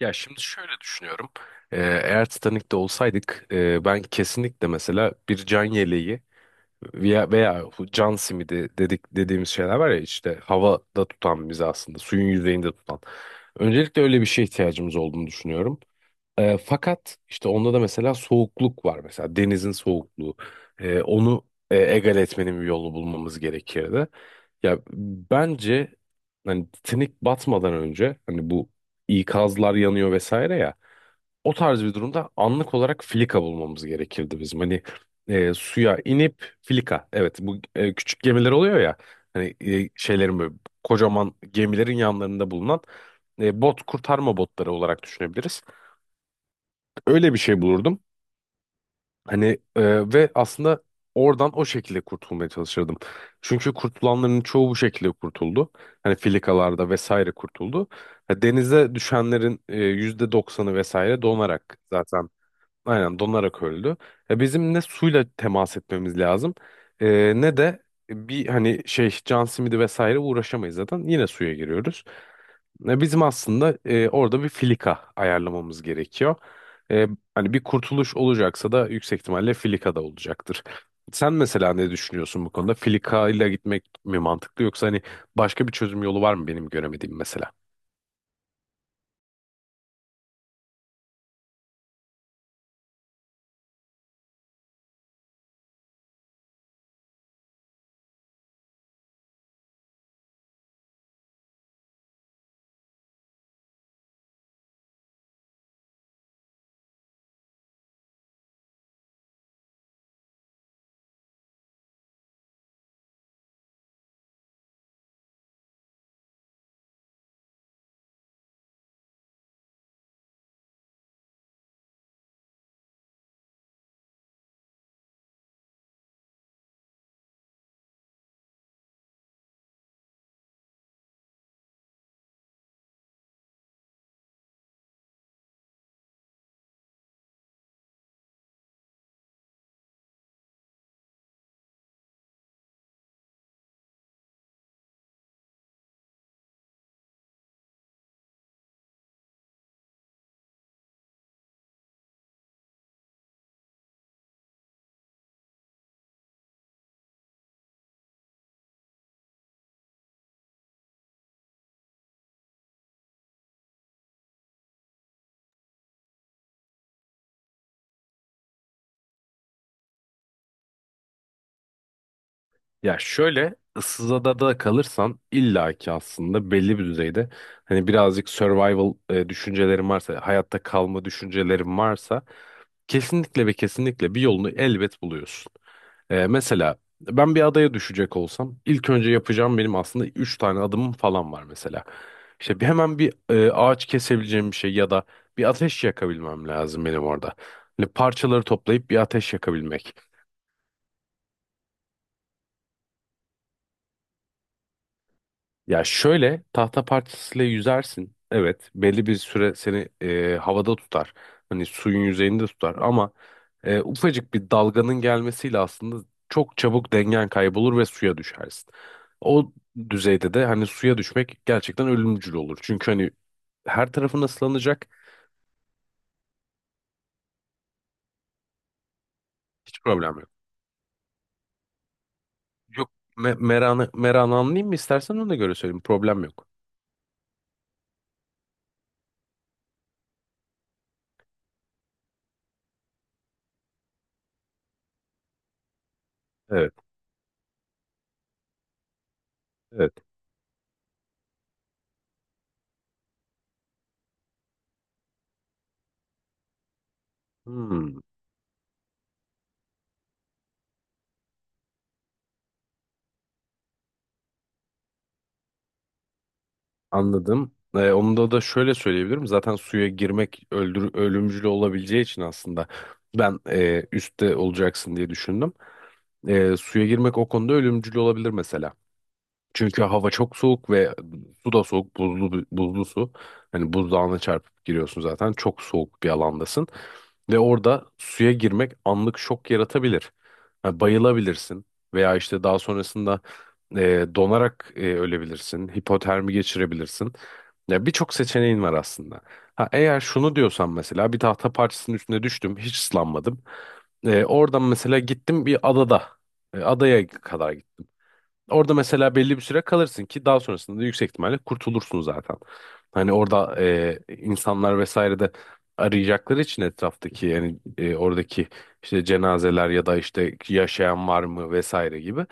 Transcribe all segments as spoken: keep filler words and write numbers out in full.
Ya şimdi şöyle düşünüyorum. Ee, Eğer Titanic'te olsaydık e, ben kesinlikle mesela bir can yeleği veya, veya bu can simidi dedik dediğimiz şeyler var ya işte havada tutan bizi, aslında suyun yüzeyinde tutan. Öncelikle öyle bir şeye ihtiyacımız olduğunu düşünüyorum. E, fakat işte onda da mesela soğukluk var, mesela denizin soğukluğu. E, onu e, egal etmenin bir yolu bulmamız gerekirdi. Ya bence hani Titanic batmadan önce hani bu ikazlar yanıyor vesaire ya, o tarz bir durumda anlık olarak filika bulmamız gerekirdi bizim. Hani e, suya inip filika, evet bu e, küçük gemiler oluyor ya, hani e, şeylerin böyle, kocaman gemilerin yanlarında bulunan e, bot, kurtarma botları olarak düşünebiliriz, öyle bir şey bulurdum. Hani e, ve aslında oradan o şekilde kurtulmaya çalışırdım. Çünkü kurtulanların çoğu bu şekilde kurtuldu. Hani filikalarda vesaire kurtuldu. Ha, denize düşenlerin e, yüzde doksanı vesaire donarak zaten. Aynen, donarak öldü. E, bizim ne suyla temas etmemiz lazım, e, ne de bir hani şey can simidi vesaire, uğraşamayız zaten. Yine suya giriyoruz. E, bizim aslında e, orada bir filika ayarlamamız gerekiyor. E, Hani bir kurtuluş olacaksa da yüksek ihtimalle filika da olacaktır. Sen mesela ne düşünüyorsun bu konuda? Filika ile gitmek mi mantıklı, yoksa hani başka bir çözüm yolu var mı benim göremediğim mesela? Ya şöyle, ıssız adada kalırsan illaki aslında belli bir düzeyde hani birazcık survival e, düşüncelerin varsa, hayatta kalma düşüncelerin varsa, kesinlikle ve kesinlikle bir yolunu elbet buluyorsun. E, mesela ben bir adaya düşecek olsam ilk önce yapacağım benim aslında üç tane adımım falan var mesela. İşte bir, hemen bir e, ağaç kesebileceğim bir şey, ya da bir ateş yakabilmem lazım benim orada. Hani parçaları toplayıp bir ateş yakabilmek. Ya şöyle, tahta parçasıyla yüzersin. Evet, belli bir süre seni e, havada tutar. Hani suyun yüzeyinde tutar ama e, ufacık bir dalganın gelmesiyle aslında çok çabuk dengen kaybolur ve suya düşersin. O düzeyde de hani suya düşmek gerçekten ölümcül olur. Çünkü hani her tarafın ıslanacak. Hiç problem yok. Yok, me meranı, meranı anlayayım mı istersen, ona göre söyleyeyim, problem yok. Evet, evet. Hmm. Anladım. Ee, onu da da şöyle söyleyebilirim. Zaten suya girmek öldür ölümcül olabileceği için aslında ben e, üstte olacaksın diye düşündüm. E, suya girmek o konuda ölümcül olabilir mesela. Çünkü hava çok soğuk ve su da soğuk, buzlu bir- buzlu su. Hani buzdağına çarpıp giriyorsun zaten. Çok soğuk bir alandasın. Ve orada suya girmek anlık şok yaratabilir. Ha, bayılabilirsin veya işte daha sonrasında e, donarak e, ölebilirsin. Hipotermi geçirebilirsin. Ya birçok seçeneğin var aslında. Ha, eğer şunu diyorsan mesela, bir tahta parçasının üstüne düştüm, hiç ıslanmadım. E, oradan mesela gittim bir adada, e, adaya kadar. Orada mesela belli bir süre kalırsın ki daha sonrasında da yüksek ihtimalle kurtulursun zaten. Hani orada e, insanlar vesaire de arayacakları için, etraftaki yani e, oradaki işte cenazeler ya da işte yaşayan var mı vesaire gibi.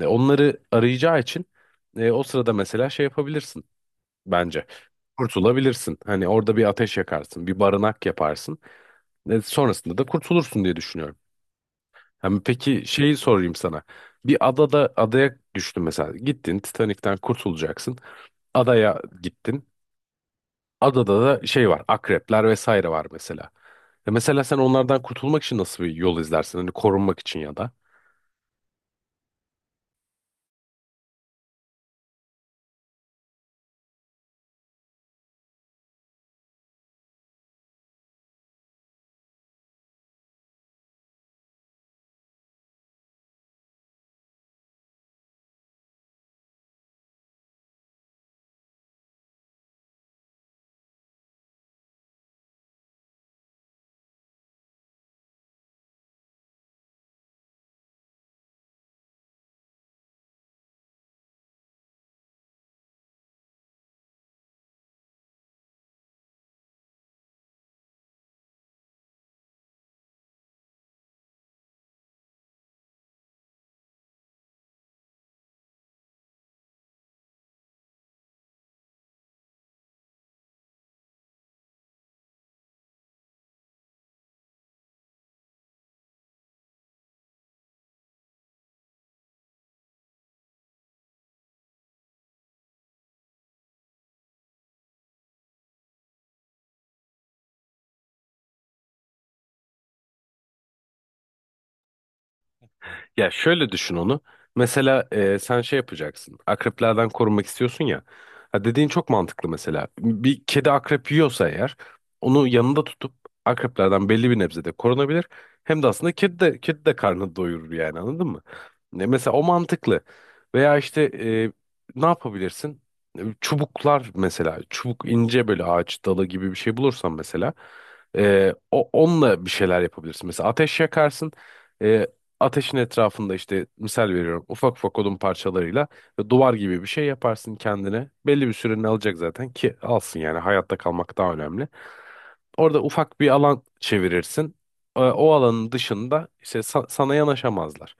E, onları arayacağı için e, o sırada mesela şey yapabilirsin bence. Kurtulabilirsin. Hani orada bir ateş yakarsın, bir barınak yaparsın. E, sonrasında da kurtulursun diye düşünüyorum. Hem peki şeyi sorayım sana. Bir adada, adaya düştün mesela. Gittin, Titanik'ten kurtulacaksın. Adaya gittin. Adada da şey var. Akrepler vesaire var mesela. E mesela sen onlardan kurtulmak için nasıl bir yol izlersin? Hani korunmak için, ya da. Ya şöyle düşün onu. Mesela e, sen şey yapacaksın. Akreplerden korunmak istiyorsun ya. Ha, dediğin çok mantıklı mesela. Bir kedi akrep yiyorsa eğer, onu yanında tutup akreplerden belli bir nebzede korunabilir. Hem de aslında kedi de, kedi de karnını doyurur yani, anladın mı? Ne, mesela o mantıklı. Veya işte e, ne yapabilirsin? E, çubuklar mesela. Çubuk, ince böyle ağaç dalı gibi bir şey bulursan mesela, e, o, onunla bir şeyler yapabilirsin. Mesela ateş yakarsın. E, ateşin etrafında işte, misal veriyorum, ufak ufak odun parçalarıyla duvar gibi bir şey yaparsın kendine. Belli bir sürenin alacak zaten ki, alsın yani, hayatta kalmak daha önemli. Orada ufak bir alan çevirirsin. E, o alanın dışında işte sa- sana yanaşamazlar.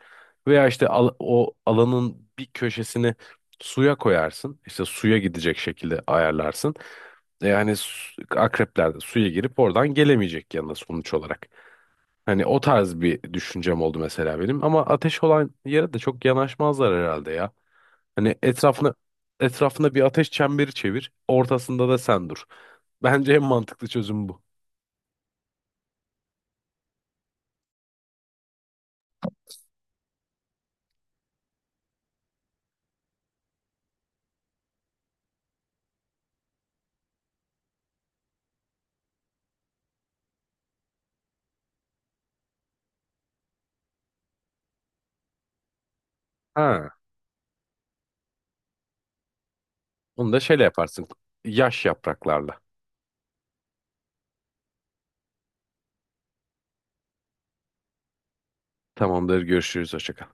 Veya işte al- o alanın bir köşesini suya koyarsın. İşte suya gidecek şekilde ayarlarsın. E, yani akrepler de suya girip oradan gelemeyecek yanına sonuç olarak. Hani o tarz bir düşüncem oldu mesela benim. Ama ateş olan yere de çok yanaşmazlar herhalde ya. Hani etrafına, etrafında bir ateş çemberi çevir. Ortasında da sen dur. Bence en mantıklı çözüm bu. Ha, onu da şeyle yaparsın. Yaş yapraklarla. Tamamdır, görüşürüz. Hoşça kal.